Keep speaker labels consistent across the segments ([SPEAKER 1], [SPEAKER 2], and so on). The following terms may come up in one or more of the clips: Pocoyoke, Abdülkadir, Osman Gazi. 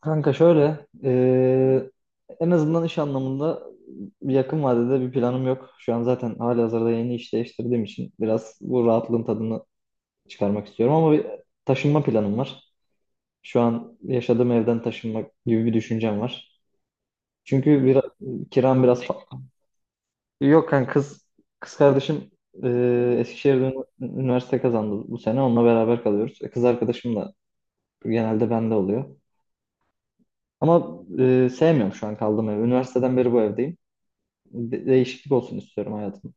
[SPEAKER 1] Kanka şöyle, en azından iş anlamında yakın vadede bir planım yok. Şu an zaten halihazırda yeni iş değiştirdiğim için biraz bu rahatlığın tadını çıkarmak istiyorum ama bir taşınma planım var. Şu an yaşadığım evden taşınmak gibi bir düşüncem var. Çünkü biraz, kiram biraz Yok kanka kız kardeşim Eskişehir'de üniversite kazandı bu sene. Onunla beraber kalıyoruz. E, Kız arkadaşım da genelde bende oluyor. Ama sevmiyorum şu an kaldığım evi. Üniversiteden beri bu evdeyim. Değişiklik olsun istiyorum hayatım.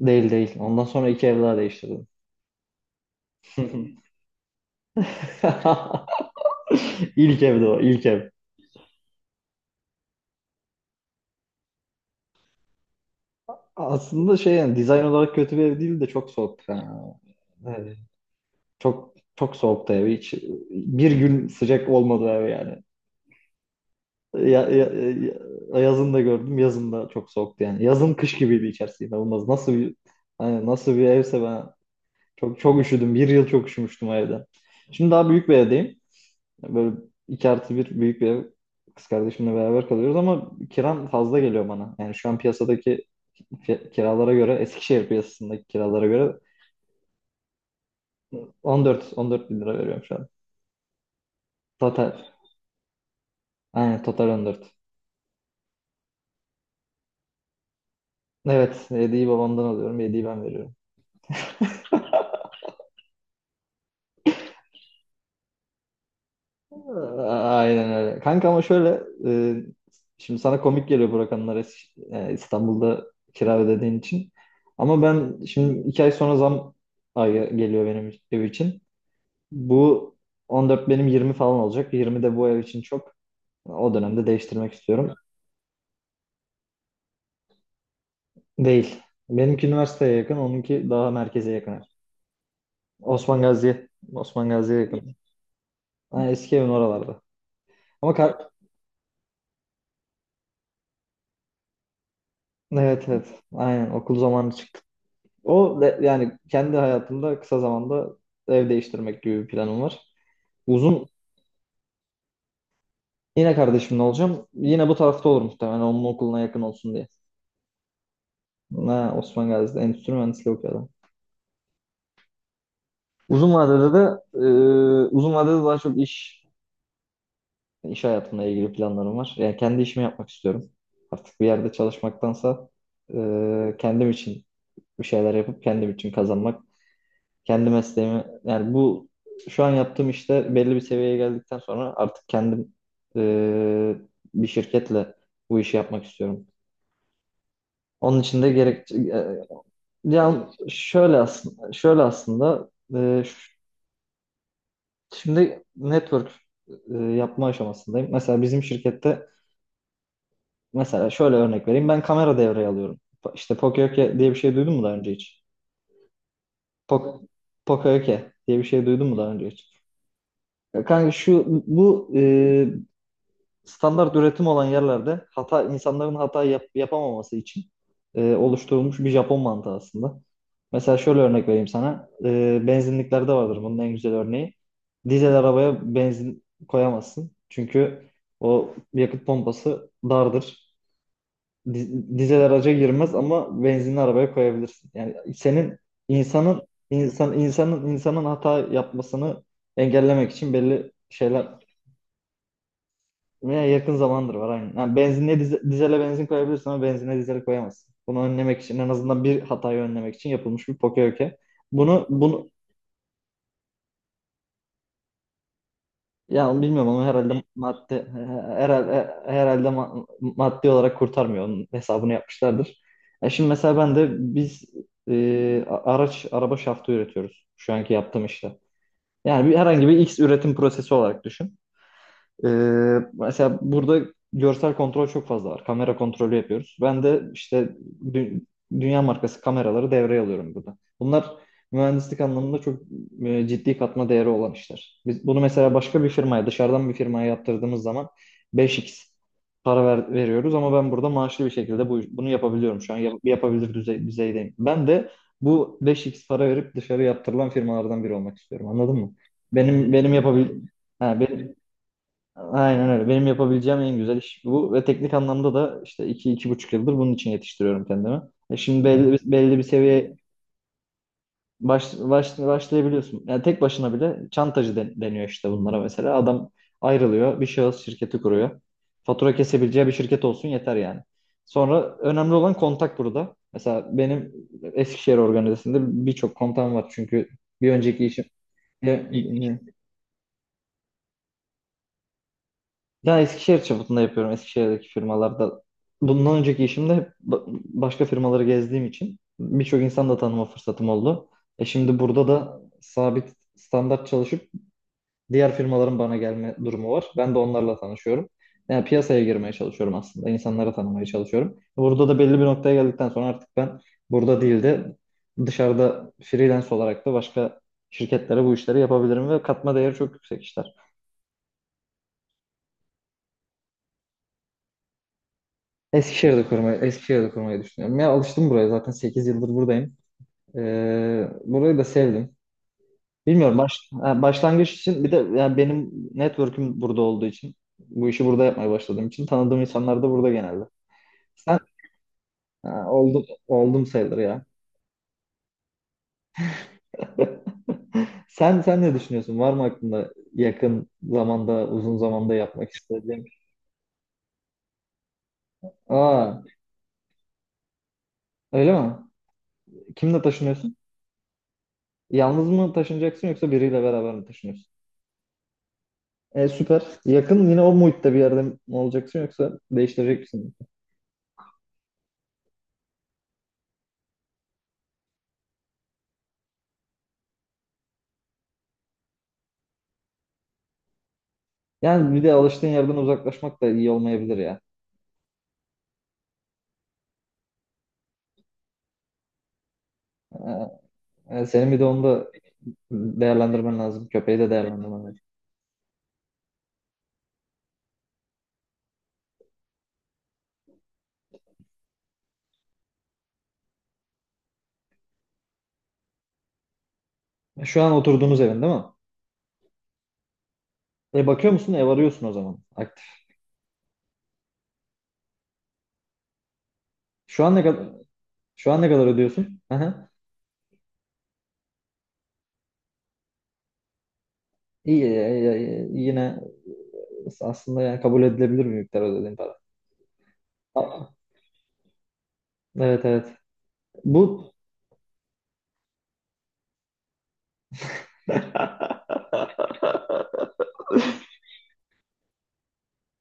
[SPEAKER 1] Değil değil. Ondan sonra iki ev daha değiştirdim. İlk evdi o, ilk ev. Aslında şey yani dizayn olarak kötü bir ev değil de çok soğuk. Yani çok çok soğuktu ev. Hiç bir gün sıcak olmadı ev yani. Ya, yazın da gördüm, yazın da çok soğuktu yani. Yazın kış gibiydi içerisi inanılmaz. Nasıl bir, hani nasıl bir evse ben çok çok üşüdüm. Bir yıl çok üşümüştüm o evde. Şimdi daha büyük bir evdeyim. Böyle 2+1 büyük bir ev, kız kardeşimle beraber kalıyoruz ama kiram fazla geliyor bana. Yani şu an piyasadaki kiralara göre, Eskişehir piyasasındaki kiralara göre 14 bin lira veriyorum şu an. Total. Aynen total 14. Evet, hediyeyi babamdan alıyorum, hediyeyi ben veriyorum. A- Aynen öyle. Kanka ama şöyle, e, şimdi sana komik geliyor bu rakamlar, İstanbul'da kira ödediğin için. Ama ben şimdi iki ay sonra zam ayı geliyor benim ev için. Bu 14 benim 20 falan olacak. 20 de bu ev için çok. O dönemde değiştirmek istiyorum. Değil. Benimki üniversiteye yakın, onunki daha merkeze yakın. Osman Gazi'ye. Osman Gazi'ye yakın. Ha, eski evin oralarda. Ama kar- evet, evet. Aynen okul zamanı çıktı. Yani kendi hayatımda kısa zamanda ev değiştirmek gibi bir planım var. Uzun Yine kardeşimle olacağım. Yine bu tarafta olur muhtemelen, onun okuluna yakın olsun diye. Ha, Osman Gazi'de endüstri mühendisliği okuyor. Uzun vadede de, e, uzun vadede daha çok iş hayatımla ilgili planlarım var. Yani kendi işimi yapmak istiyorum. Artık bir yerde çalışmaktansa kendim için bir şeyler yapıp kendim için kazanmak, kendi mesleğimi, yani bu şu an yaptığım işte belli bir seviyeye geldikten sonra artık kendim e, bir şirketle bu işi yapmak istiyorum. Onun için de gerek ya şöyle aslında. Şimdi network yapma aşamasındayım. Mesela bizim şirkette Mesela şöyle örnek vereyim. Ben kamera devreye alıyorum. İşte Pocoyoke diye bir şey duydun mu daha önce hiç? Pok Pocoyoke diye bir şey duydun mu daha önce hiç? Ya kanka, standart üretim olan yerlerde hata, insanların hata yapamaması için oluşturulmuş bir Japon mantığı aslında. Mesela şöyle örnek vereyim sana. E, benzinliklerde vardır bunun en güzel örneği. Dizel arabaya benzin koyamazsın. Çünkü o yakıt pompası dardır. Dizel araca girmez ama benzinli arabaya koyabilirsin. Yani senin, insanın insan, insanın hata yapmasını engellemek için belli şeyler, veya yakın zamandır var aynen. Yani benzinliğe dizele benzin koyabilirsin ama benzinliğe dizel koyamazsın. Bunu önlemek için, en azından bir hatayı önlemek için yapılmış bir poke. Bunu ya bilmiyorum ama herhalde maddi olarak kurtarmıyor. Onun hesabını yapmışlardır. Ya şimdi mesela ben de biz a- araç araba şaftı üretiyoruz şu anki yaptığım işte. Yani bir, herhangi bir X üretim prosesi olarak düşün. Ee, mesela burada görsel kontrol çok fazla var. Kamera kontrolü yapıyoruz. Ben de işte dü- dünya markası kameraları devreye alıyorum burada. Bunlar mühendislik anlamında çok ciddi katma değeri olan işler. Biz bunu mesela başka bir firmaya, dışarıdan bir firmaya yaptırdığımız zaman 5x para veriyoruz ama ben burada maaşlı bir şekilde bunu yapabiliyorum. Şu an yapabilir düzeydeyim. Ben de bu 5x para verip dışarı yaptırılan firmalardan biri olmak istiyorum. Anladın mı? Benim benim yapabil Ha, benim, Aynen öyle. Benim yapabileceğim en güzel iş bu ve teknik anlamda da işte 2, 2,5 yıldır bunun için yetiştiriyorum kendimi. E şimdi belli bir seviyeye başlayabiliyorsun. Yani tek başına bile çantacı deniyor işte bunlara mesela. Adam ayrılıyor, bir şahıs şirketi kuruyor. Fatura kesebileceği bir şirket olsun yeter yani. Sonra önemli olan kontak burada. Mesela benim Eskişehir organizasında birçok kontam var çünkü bir önceki işim, ya Eskişehir çapında yapıyorum. Eskişehir'deki firmalarda. Bundan önceki işimde hep başka firmaları gezdiğim için birçok insan da tanıma fırsatım oldu. E şimdi burada da sabit, standart çalışıp diğer firmaların bana gelme durumu var. Ben de onlarla tanışıyorum. Yani piyasaya girmeye çalışıyorum aslında. İnsanları tanımaya çalışıyorum. Burada da belli bir noktaya geldikten sonra artık ben burada değil de dışarıda freelance olarak da başka şirketlere bu işleri yapabilirim ve katma değeri çok yüksek işler. Eskişehir'de kurmayı düşünüyorum. Ya alıştım buraya, zaten 8 yıldır buradayım. Burayı da sevdim. Bilmiyorum başlangıç için, bir de yani benim network'üm burada olduğu için, bu işi burada yapmaya başladığım için tanıdığım insanlar da burada genelde. Sen ha, oldum sayılır ya. Sen ne düşünüyorsun? Var mı aklında yakın zamanda, uzun zamanda yapmak istediğin? Aa, öyle mi? Kimle taşınıyorsun? Yalnız mı taşınacaksın yoksa biriyle beraber mi taşınıyorsun? E, süper. Yakın, yine o muhitte bir yerde mi olacaksın yoksa değiştirecek misin? Yani bir de alıştığın yerden uzaklaşmak da iyi olmayabilir ya. Senin bir de onu da değerlendirmen lazım. Köpeği de değerlendirmen lazım. Şu an oturduğunuz evin değil mi? E, bakıyor musun? Ev arıyorsun o zaman. Aktif. Şu an ne kadar şu an ne kadar ödüyorsun? Aha. İyi, yine aslında yani kabul edilebilir bir miktar ödediğin para. Aa, evet, evet. Bu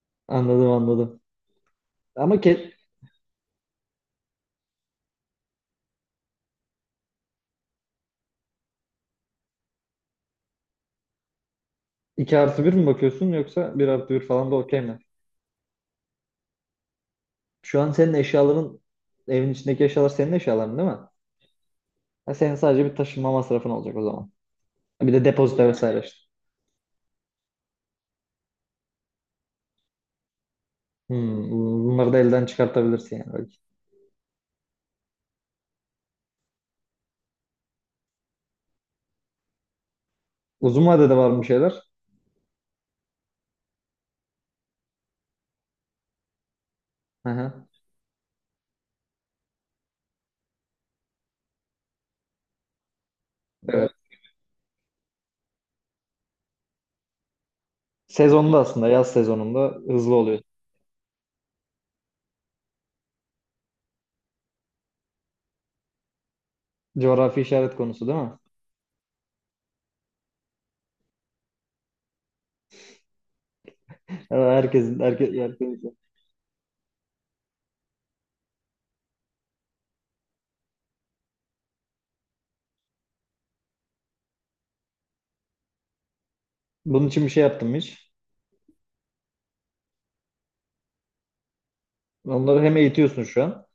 [SPEAKER 1] anladım, anladım. Ama ke- 2 artı bir mi bakıyorsun yoksa bir artı 1 falan da okey mi? Şu an senin eşyaların, evin içindeki eşyalar senin eşyaların değil mi? Ha, senin sadece bir taşınma masrafın olacak o zaman. Bir de depozito vesaire işte. Hmm, bunları da elden çıkartabilirsin yani belki. Uzun vadede var mı şeyler? Hı hı, evet. Sezonda, aslında yaz sezonunda hızlı oluyor. Coğrafi işaret konusu değil mi? Evet, herkes. Bunun için bir şey yaptım hiç. Onları hem eğitiyorsun şu an.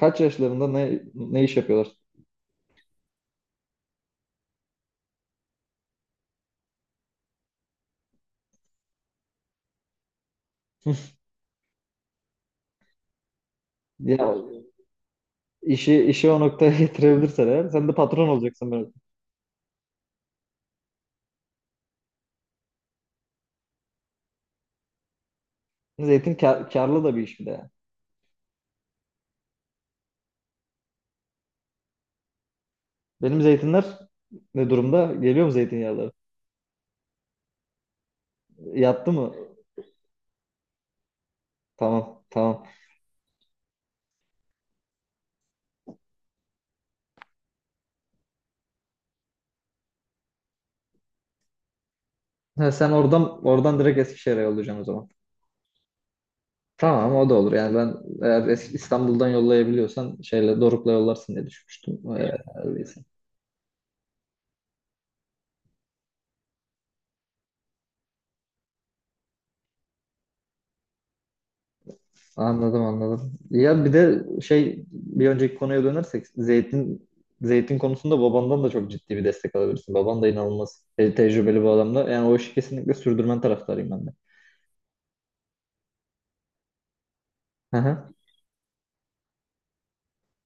[SPEAKER 1] Kaç yaşlarında, ne iş yapıyorlar? Ya İşi, işi o noktaya getirebilirsen eğer, sen de patron olacaksın böyle. Zeytin karlı da bir iş bir de, yani. Benim zeytinler ne durumda? Geliyor mu zeytinyağları? Yattı mı? Tamam, tamam. Ha, sen oradan oradan direkt Eskişehir'e yollayacaksın o zaman. Tamam, o da olur. Yani ben, eğer İstanbul'dan yollayabiliyorsan, şeyle Doruk'la yollarsın diye düşünmüştüm. Anladım, anladım. Ya bir de şey, bir önceki konuya dönersek zeytin konusunda babandan da çok ciddi bir destek alabilirsin. Baban da inanılmaz tecrübeli bir adamda. Yani o işi kesinlikle sürdürmen taraftarıyım ben de. Hı hı.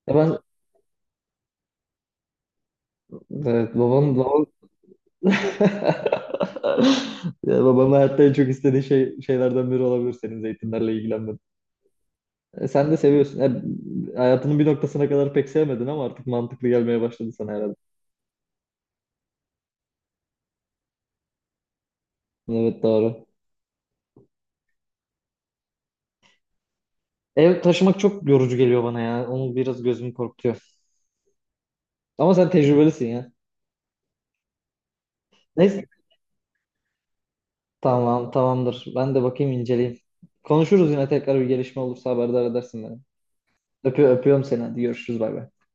[SPEAKER 1] Ya ben evet babam, ya babam hayatta en çok istediği şey, biri olabilir, senin zeytinlerle ilgilenmen. E, sen de seviyorsun. E, hayatının bir noktasına kadar pek sevmedin ama artık mantıklı gelmeye başladı sana herhalde. Evet, doğru. Ev taşımak çok yorucu geliyor bana ya. Onu biraz gözüm korkutuyor. Ama sen tecrübelisin ya. Neyse. Tamam, tamamdır. Ben de bakayım, inceleyeyim. Konuşuruz yine, tekrar bir gelişme olursa haberdar edersin beni. Öpüyorum seni. Hadi, görüşürüz. Bay bay.